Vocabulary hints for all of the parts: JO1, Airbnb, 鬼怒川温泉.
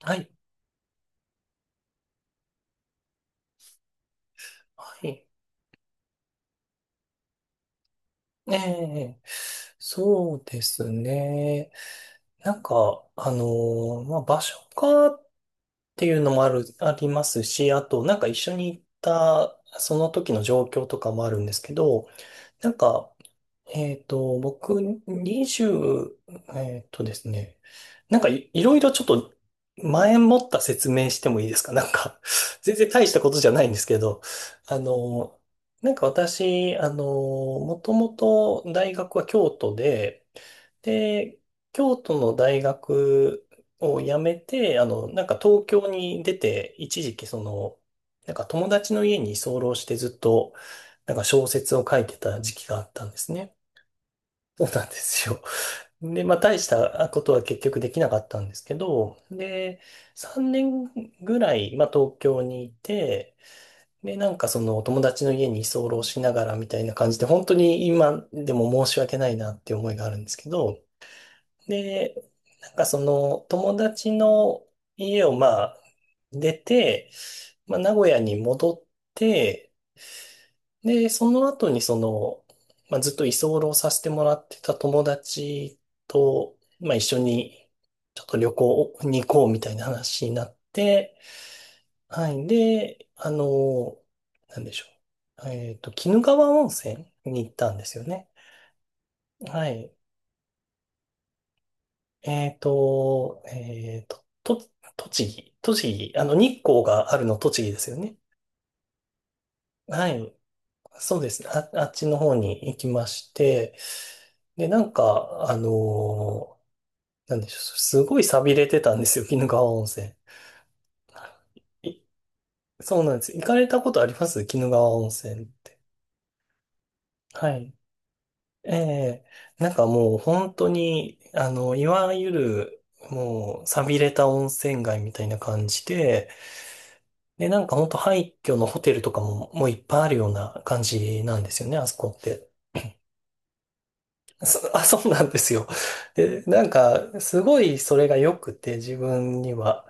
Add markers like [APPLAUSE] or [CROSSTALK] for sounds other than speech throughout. はい、はい。ええ、そうですね。なんか、あのまあ、場所かっていうのもある、ありますし、あと、なんか一緒に行った、その時の状況とかもあるんですけど、なんか、僕、20、えっとですね、いろいろちょっと前もった説明してもいいですか？ [LAUGHS] なんか [LAUGHS] 全然大したことじゃないんですけど、あの、なんか私、もともと大学は京都で、で、京都の大学を辞めて、なんか東京に出て、一時期なんか友達の家に居候してずっと、なんか小説を書いてた時期があったんですね。そうなんですよ。で、まあ、大したことは結局できなかったんですけど、で、3年ぐらい、まあ、東京にいて、で、なんかそのお友達の家に居候しながらみたいな感じで、本当に今でも申し訳ないなっていう思いがあるんですけど、で、なんかその友達の家をまあ、出て、まあ、名古屋に戻って、で、その後にまあ、ずっと居候させてもらってた友達と、まあ、一緒にちょっと旅行に行こうみたいな話になって、はい。で、なんでしょう。鬼怒川温泉に行ったんですよね。はい。えっと、えっと、と、栃木、日光があるの栃木ですよね。はい。そうですね。あっちの方に行きまして、で、なんか、なんでしょう、すごい寂れてたんですよ、[LAUGHS] 鬼怒川温泉。いそうなんです。行かれたことあります鬼怒川温泉って？はい。ええ、なんかもう本当に、いわゆる、もう、寂れた温泉街みたいな感じで、で、なんか本当廃墟のホテルとかも、もういっぱいあるような感じなんですよね、あそこって。そ、[LAUGHS] あ、そうなんですよ。で、なんか、すごいそれが良くて、自分には。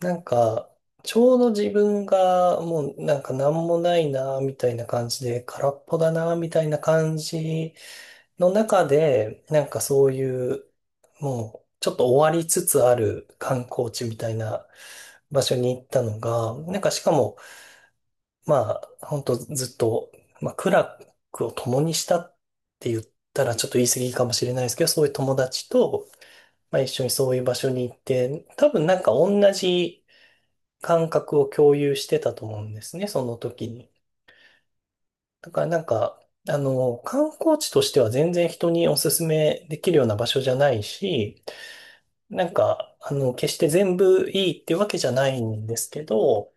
なんか、ちょうど自分がもうなんか何もないな、みたいな感じで、空っぽだな、みたいな感じの中で、なんかそういう、もう、ちょっと終わりつつある観光地みたいな場所に行ったのが、なんかしかも、まあ、本当ずっと、まあ、苦楽を共にしたって言ったらちょっと言い過ぎかもしれないですけど、そういう友達と、まあ、一緒にそういう場所に行って、多分なんか同じ感覚を共有してたと思うんですね、その時に。だからなんか、観光地としては全然人におすすめできるような場所じゃないし、なんか、決して全部いいってわけじゃないんですけど、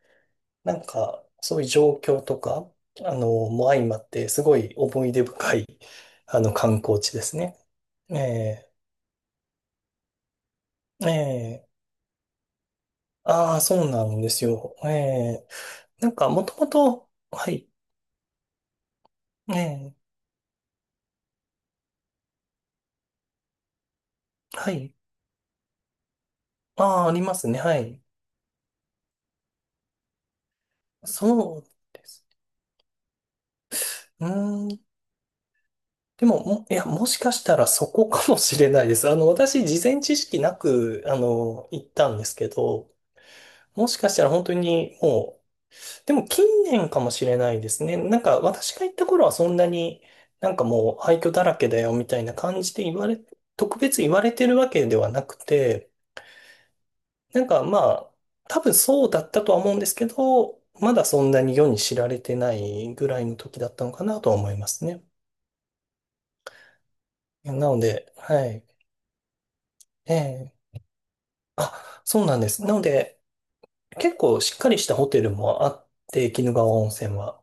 なんか、そういう状況とか、も相まって、すごい思い出深い、観光地ですね。ええ、ええ、ああ、そうなんですよ。ええ、なんか、もともと、はい。ええ、はい。ああ、ありますね、はい。そうです。うーん、でも、いや、もしかしたらそこかもしれないです。私、事前知識なく、行ったんですけど、もしかしたら本当にもう、でも近年かもしれないですね。なんか私が行った頃はそんなになんかもう廃墟だらけだよみたいな感じで言われ、特別言われてるわけではなくて、なんかまあ多分そうだったとは思うんですけど、まだそんなに世に知られてないぐらいの時だったのかなとは思いますね。なので、はい。ええ。あ、そうなんです。なので結構しっかりしたホテルもあって、鬼怒川温泉は。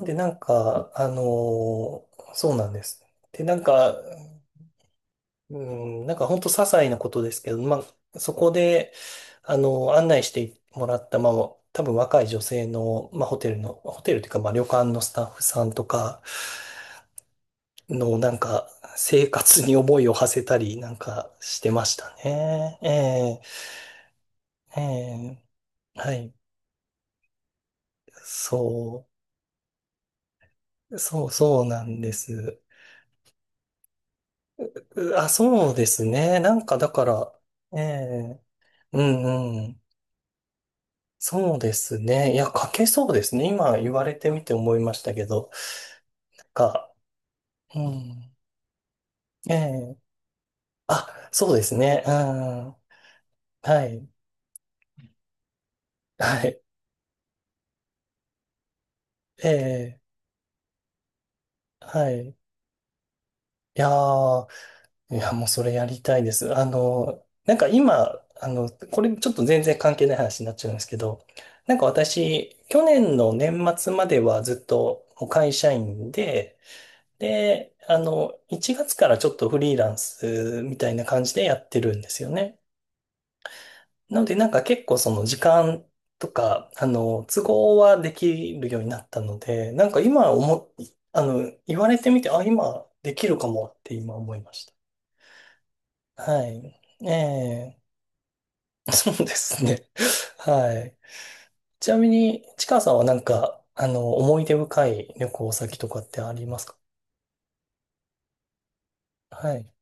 で、なんか、そうなんです。で、なんか、うん、なんか本当些細なことですけど、まあ、そこで、案内してもらった、まあ、多分若い女性の、まあ、ホテルというか、まあ、旅館のスタッフさんとかの、なんか、生活に思いを馳せたり、なんか、してましたね。ええ、ええ、はい、そそうなんです。うあ、そうですね。なんか、だから、ええ。うんうん。そうですね。いや、書けそうですね。今言われてみて思いましたけど。か、うん。ええ、あ、そうですね。うん。はい。はい。ええ、はい。いやー、いや、もうそれやりたいです。なんか今、これちょっと全然関係ない話になっちゃうんですけど、なんか私、去年の年末まではずっともう会社員で、で、1月からちょっとフリーランスみたいな感じでやってるんですよね。なので、なんか結構その時間とか、都合はできるようになったので、なんか今思っ、言われてみて、あ、今できるかもって今思いました。はい。ええ。[LAUGHS] そうですね。[LAUGHS] はい。ちなみに、ちかさんはなんか、思い出深い旅行先とかってありますか？はい。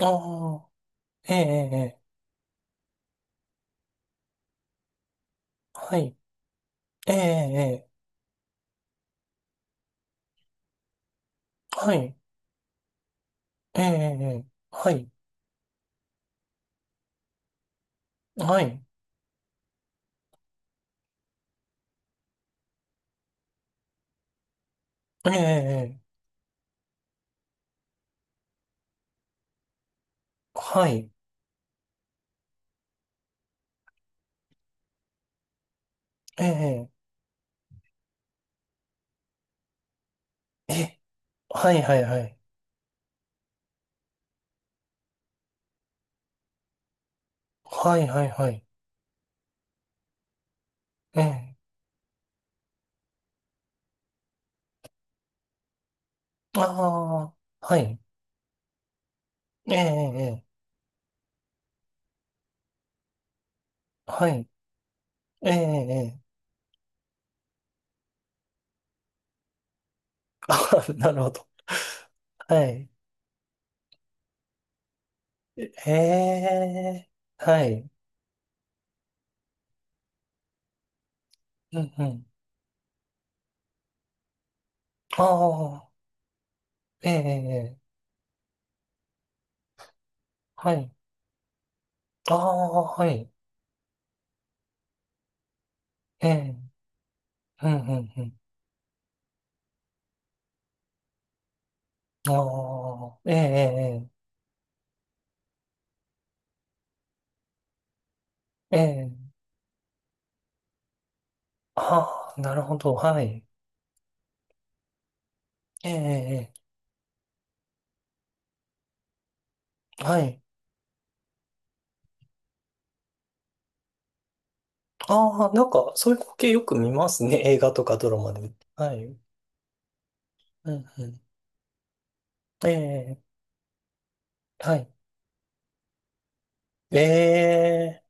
ああ、ええ、ええ、ええ、はい。ええ、ええ、はい。ええ、ええ、はい。はい。ええ、ええ、はい。ええ、ええ、はい、はい、はい。はい、はい、はい。ええ、ああ、はい。ええ、ええ、はい。ええ、ええ、あ、なるほど。はい。ええ、はい。うん、うん。ああ、ええ、ええ、はい。ああ、はい。ええ、うん、うん、うん。ああ、ええ、ええ、ええ、ああ、なるほど。はい。ええ、ええ。はい。ああ、なんか、そういう光景よく見ますね。映画とかドラマで。はい。うん、うん。ええ、はい。ええ、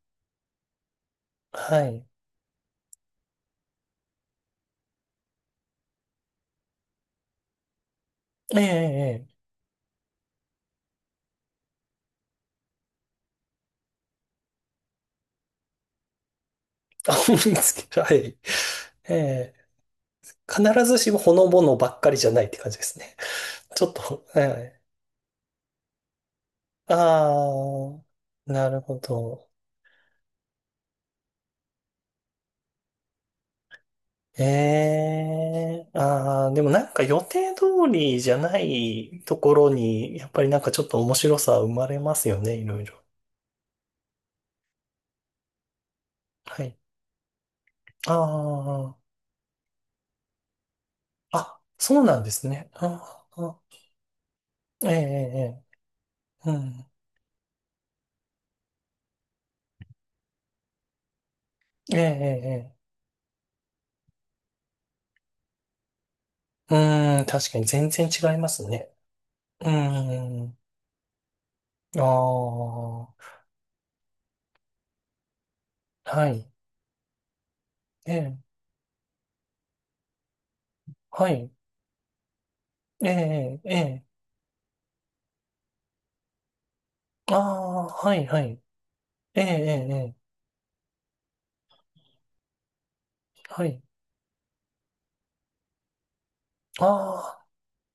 はい。ええ、ええ、あ、思いつけ、はい。ええ、必ずしもほのぼのばっかりじゃないって感じですね。[LAUGHS] ちょっと、はい。ああ、なるほど。ええ、ああ、でもなんか予定通りじゃないところに、やっぱりなんかちょっと面白さ生まれますよね、いろいろ。はい。ああ、あ、そうなんですね。ああ、ええ、ええ、ええ、うん。ええ、ええ、ええ、うん、確かに全然違いますね。うん、ああ、はい、ええ、はい、ええ、ええ、ああ、はい、はい、ええ、ええ、ええ、はい、ああ、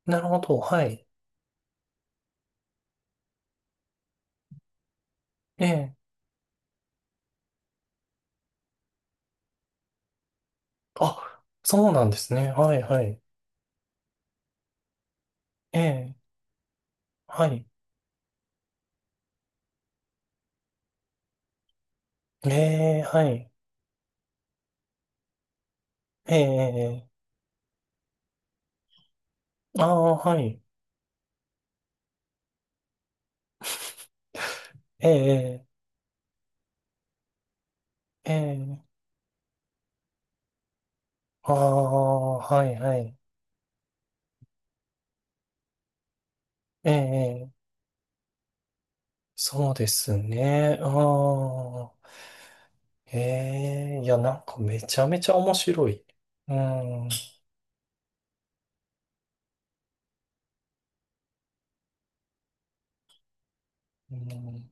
なるほど、はい、ええ、あ、そうなんですね。はい、はい、ええ、はい、ええ、はい、ええ、ええ、ああ、はい、ええ、ええ、ええ、ああ、はいはい。ええ、そうですね。ああ、ええ、いや、なんかめちゃめちゃ面白い。うん。うん。